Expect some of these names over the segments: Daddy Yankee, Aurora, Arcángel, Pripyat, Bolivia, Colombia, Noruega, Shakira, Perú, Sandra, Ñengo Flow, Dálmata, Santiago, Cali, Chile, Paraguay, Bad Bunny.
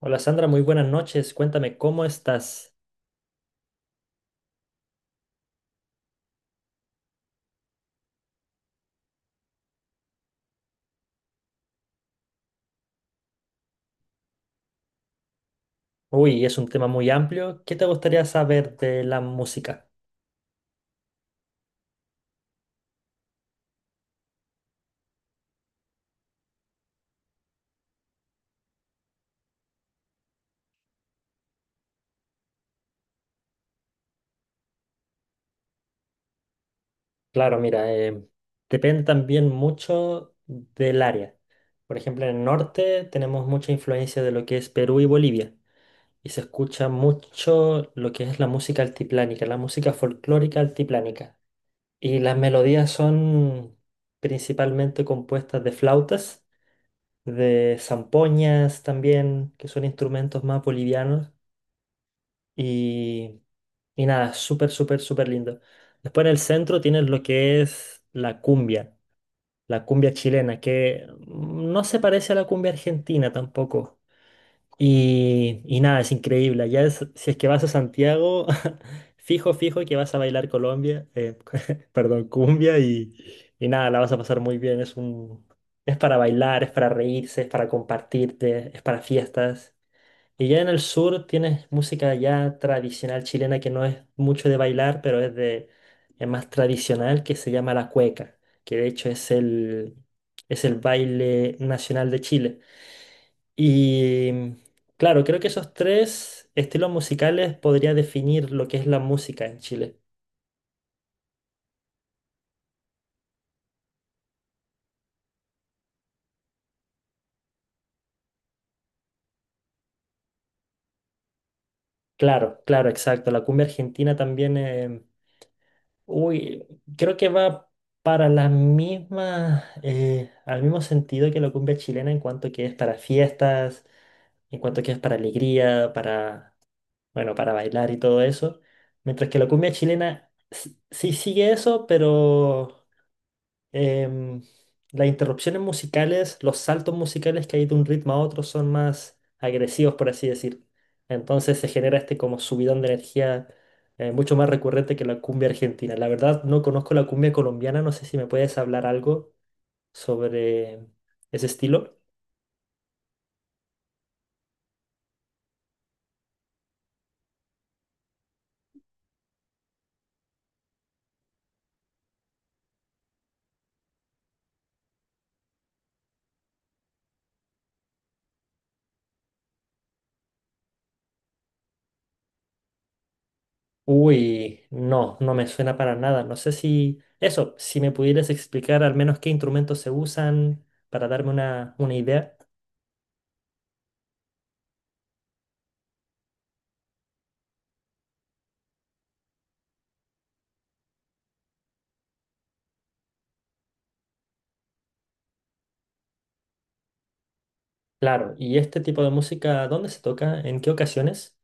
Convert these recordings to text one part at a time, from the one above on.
Hola Sandra, muy buenas noches. Cuéntame, ¿cómo estás? Uy, es un tema muy amplio. ¿Qué te gustaría saber de la música? Claro, mira, depende también mucho del área. Por ejemplo, en el norte tenemos mucha influencia de lo que es Perú y Bolivia y se escucha mucho lo que es la música altiplánica, la música folclórica altiplánica. Y las melodías son principalmente compuestas de flautas, de zampoñas también, que son instrumentos más bolivianos. Y, y nada, súper, súper, súper lindo. Después en el centro tienes lo que es la cumbia chilena, que no se parece a la cumbia argentina tampoco. Y nada, es increíble. Ya si es que vas a Santiago, fijo, fijo que vas a bailar Colombia, perdón, cumbia y nada, la vas a pasar muy bien. Es para bailar, es para reírse, es para compartirte, es para fiestas. Y ya en el sur tienes música ya tradicional chilena que no es mucho de bailar, pero es más tradicional, que se llama la cueca, que de hecho es el baile nacional de Chile. Y claro, creo que esos tres estilos musicales podría definir lo que es la música en Chile. Claro, claro, exacto. La cumbia argentina también, uy, creo que va para la misma, al mismo sentido que la cumbia chilena, en cuanto que es para fiestas, en cuanto que es para alegría, para, bueno, para bailar y todo eso. Mientras que la cumbia chilena sí sigue eso, pero em, las interrupciones musicales, los saltos musicales que hay de un ritmo a otro son más agresivos, por así decir. Entonces se genera este como subidón de energía, mucho más recurrente que la cumbia argentina. La verdad, no conozco la cumbia colombiana, no sé si me puedes hablar algo sobre ese estilo. Uy, no, no me suena para nada. No sé si eso, si me pudieras explicar al menos qué instrumentos se usan para darme una idea. Claro, ¿y este tipo de música dónde se toca? ¿En qué ocasiones?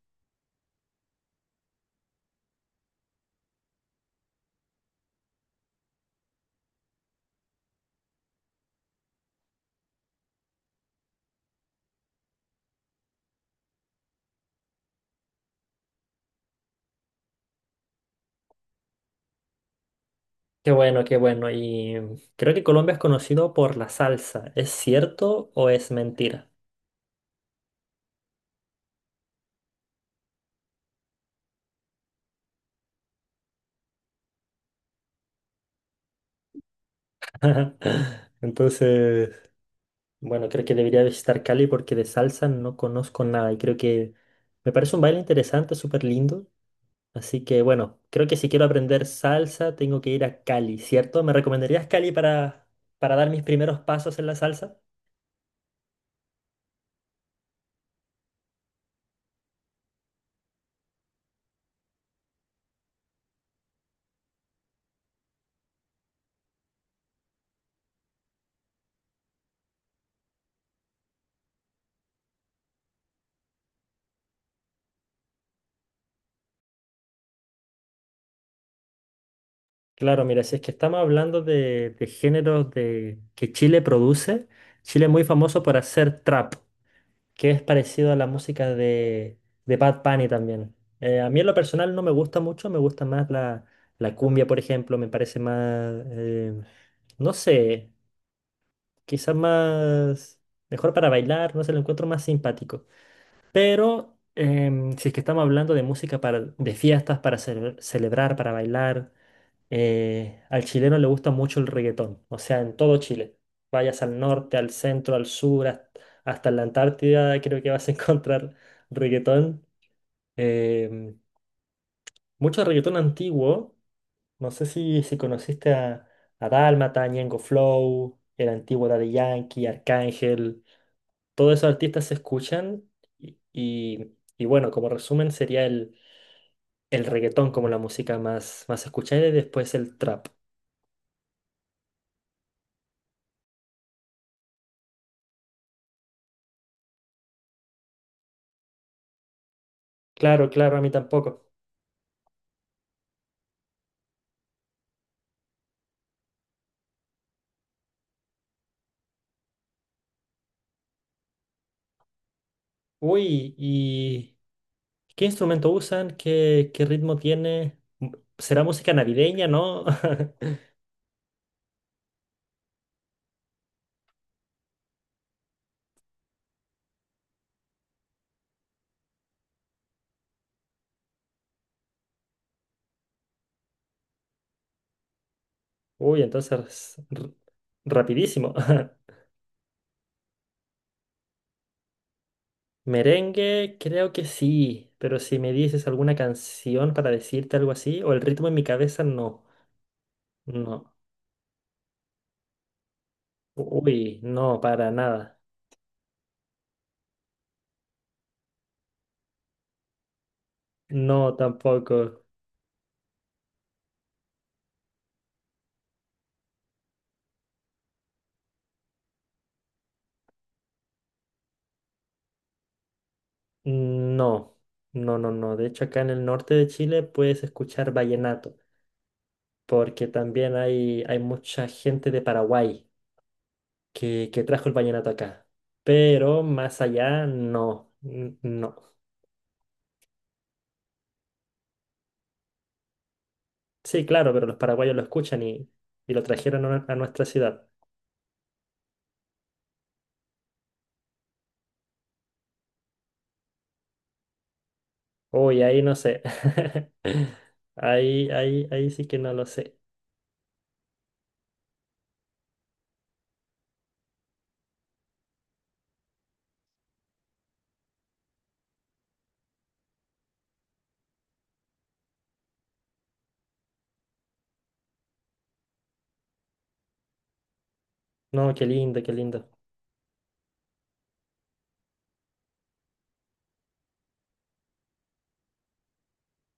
Qué bueno, qué bueno. Y creo que Colombia es conocido por la salsa. ¿Es cierto o es mentira? Entonces, bueno, creo que debería visitar Cali porque de salsa no conozco nada y creo que me parece un baile interesante, súper lindo. Así que bueno, creo que si quiero aprender salsa tengo que ir a Cali, ¿cierto? ¿Me recomendarías Cali para dar mis primeros pasos en la salsa? Claro, mira, si es que estamos hablando de géneros que Chile produce, Chile es muy famoso por hacer trap, que es parecido a la música de Bad Bunny también. A mí en lo personal no me gusta mucho, me gusta más la cumbia, por ejemplo, me parece más, no sé, quizás más, mejor para bailar, no sé, lo encuentro más simpático. Pero si es que estamos hablando de música para, de fiestas, para celebrar, para bailar. Al chileno le gusta mucho el reggaetón, o sea, en todo Chile. Vayas al norte, al centro, al sur, hasta en la Antártida, creo que vas a encontrar reggaetón. Em, Mucho reggaetón antiguo. No sé si, si conociste a Dálmata, Ñengo Flow, el antiguo Daddy Yankee, Arcángel. Todos esos artistas se escuchan y, y- y bueno, como resumen sería el reggaetón como la música más, más escuchada y después el trap. Claro, claro, a mí tampoco. Uy, ¿y qué instrumento usan? ¿Qué, qué ritmo tiene? ¿Será música navideña, no? Uy, entonces, rapidísimo. Merengue, creo que sí, pero si me dices alguna canción para decirte algo así, o el ritmo en mi cabeza, no. No. Uy, no, para nada. No, tampoco. No, no, no, no. De hecho, acá en el norte de Chile puedes escuchar vallenato, porque también hay mucha gente de Paraguay, que trajo el vallenato acá. Pero más allá, no, no. Sí, claro, pero los paraguayos lo escuchan y lo trajeron a, a nuestra ciudad. Uy, ahí no sé. Ahí, ahí, ahí sí que no lo sé. No, qué lindo, qué lindo.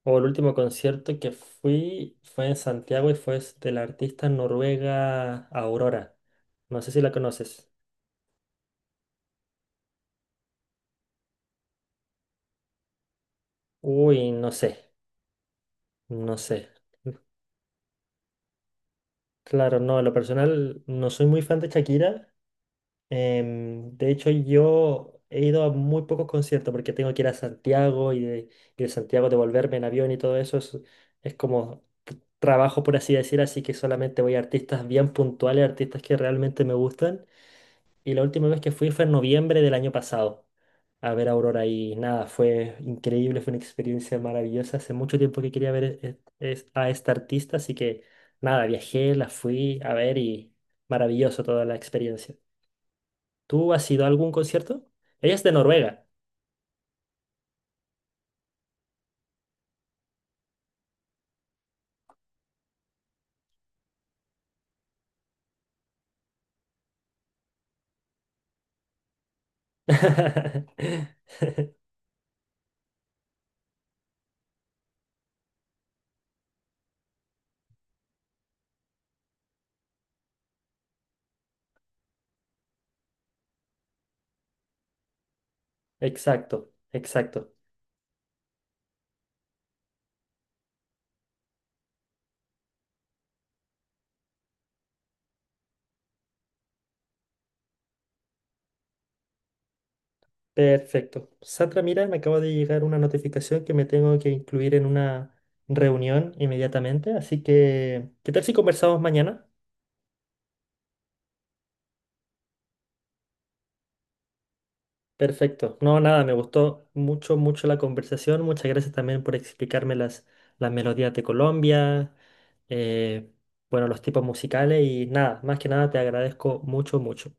O el último concierto que fui fue en Santiago y fue de la artista noruega Aurora. No sé si la conoces. Uy, no sé, no sé. Claro, no, en lo personal no soy muy fan de Shakira. De hecho, yo he ido a muy pocos conciertos porque tengo que ir a Santiago y y de Santiago devolverme en avión y todo eso es como trabajo, por así decir, así que solamente voy a artistas bien puntuales, artistas que realmente me gustan. Y la última vez que fui fue en noviembre del año pasado a ver a Aurora y nada, fue increíble, fue una experiencia maravillosa. Hace mucho tiempo que quería ver a esta artista, así que nada, viajé, la fui a ver y maravilloso toda la experiencia. ¿Tú has ido a algún concierto? Ella es de Noruega. Exacto, exacto. Perfecto. Sandra, mira, me acaba de llegar una notificación que me tengo que incluir en una reunión inmediatamente, así que, ¿qué tal si conversamos mañana? Perfecto. No, nada, me gustó mucho, mucho la conversación. Muchas gracias también por explicarme las melodías de Colombia, eh, bueno, los tipos musicales y nada, más que nada te agradezco mucho, mucho.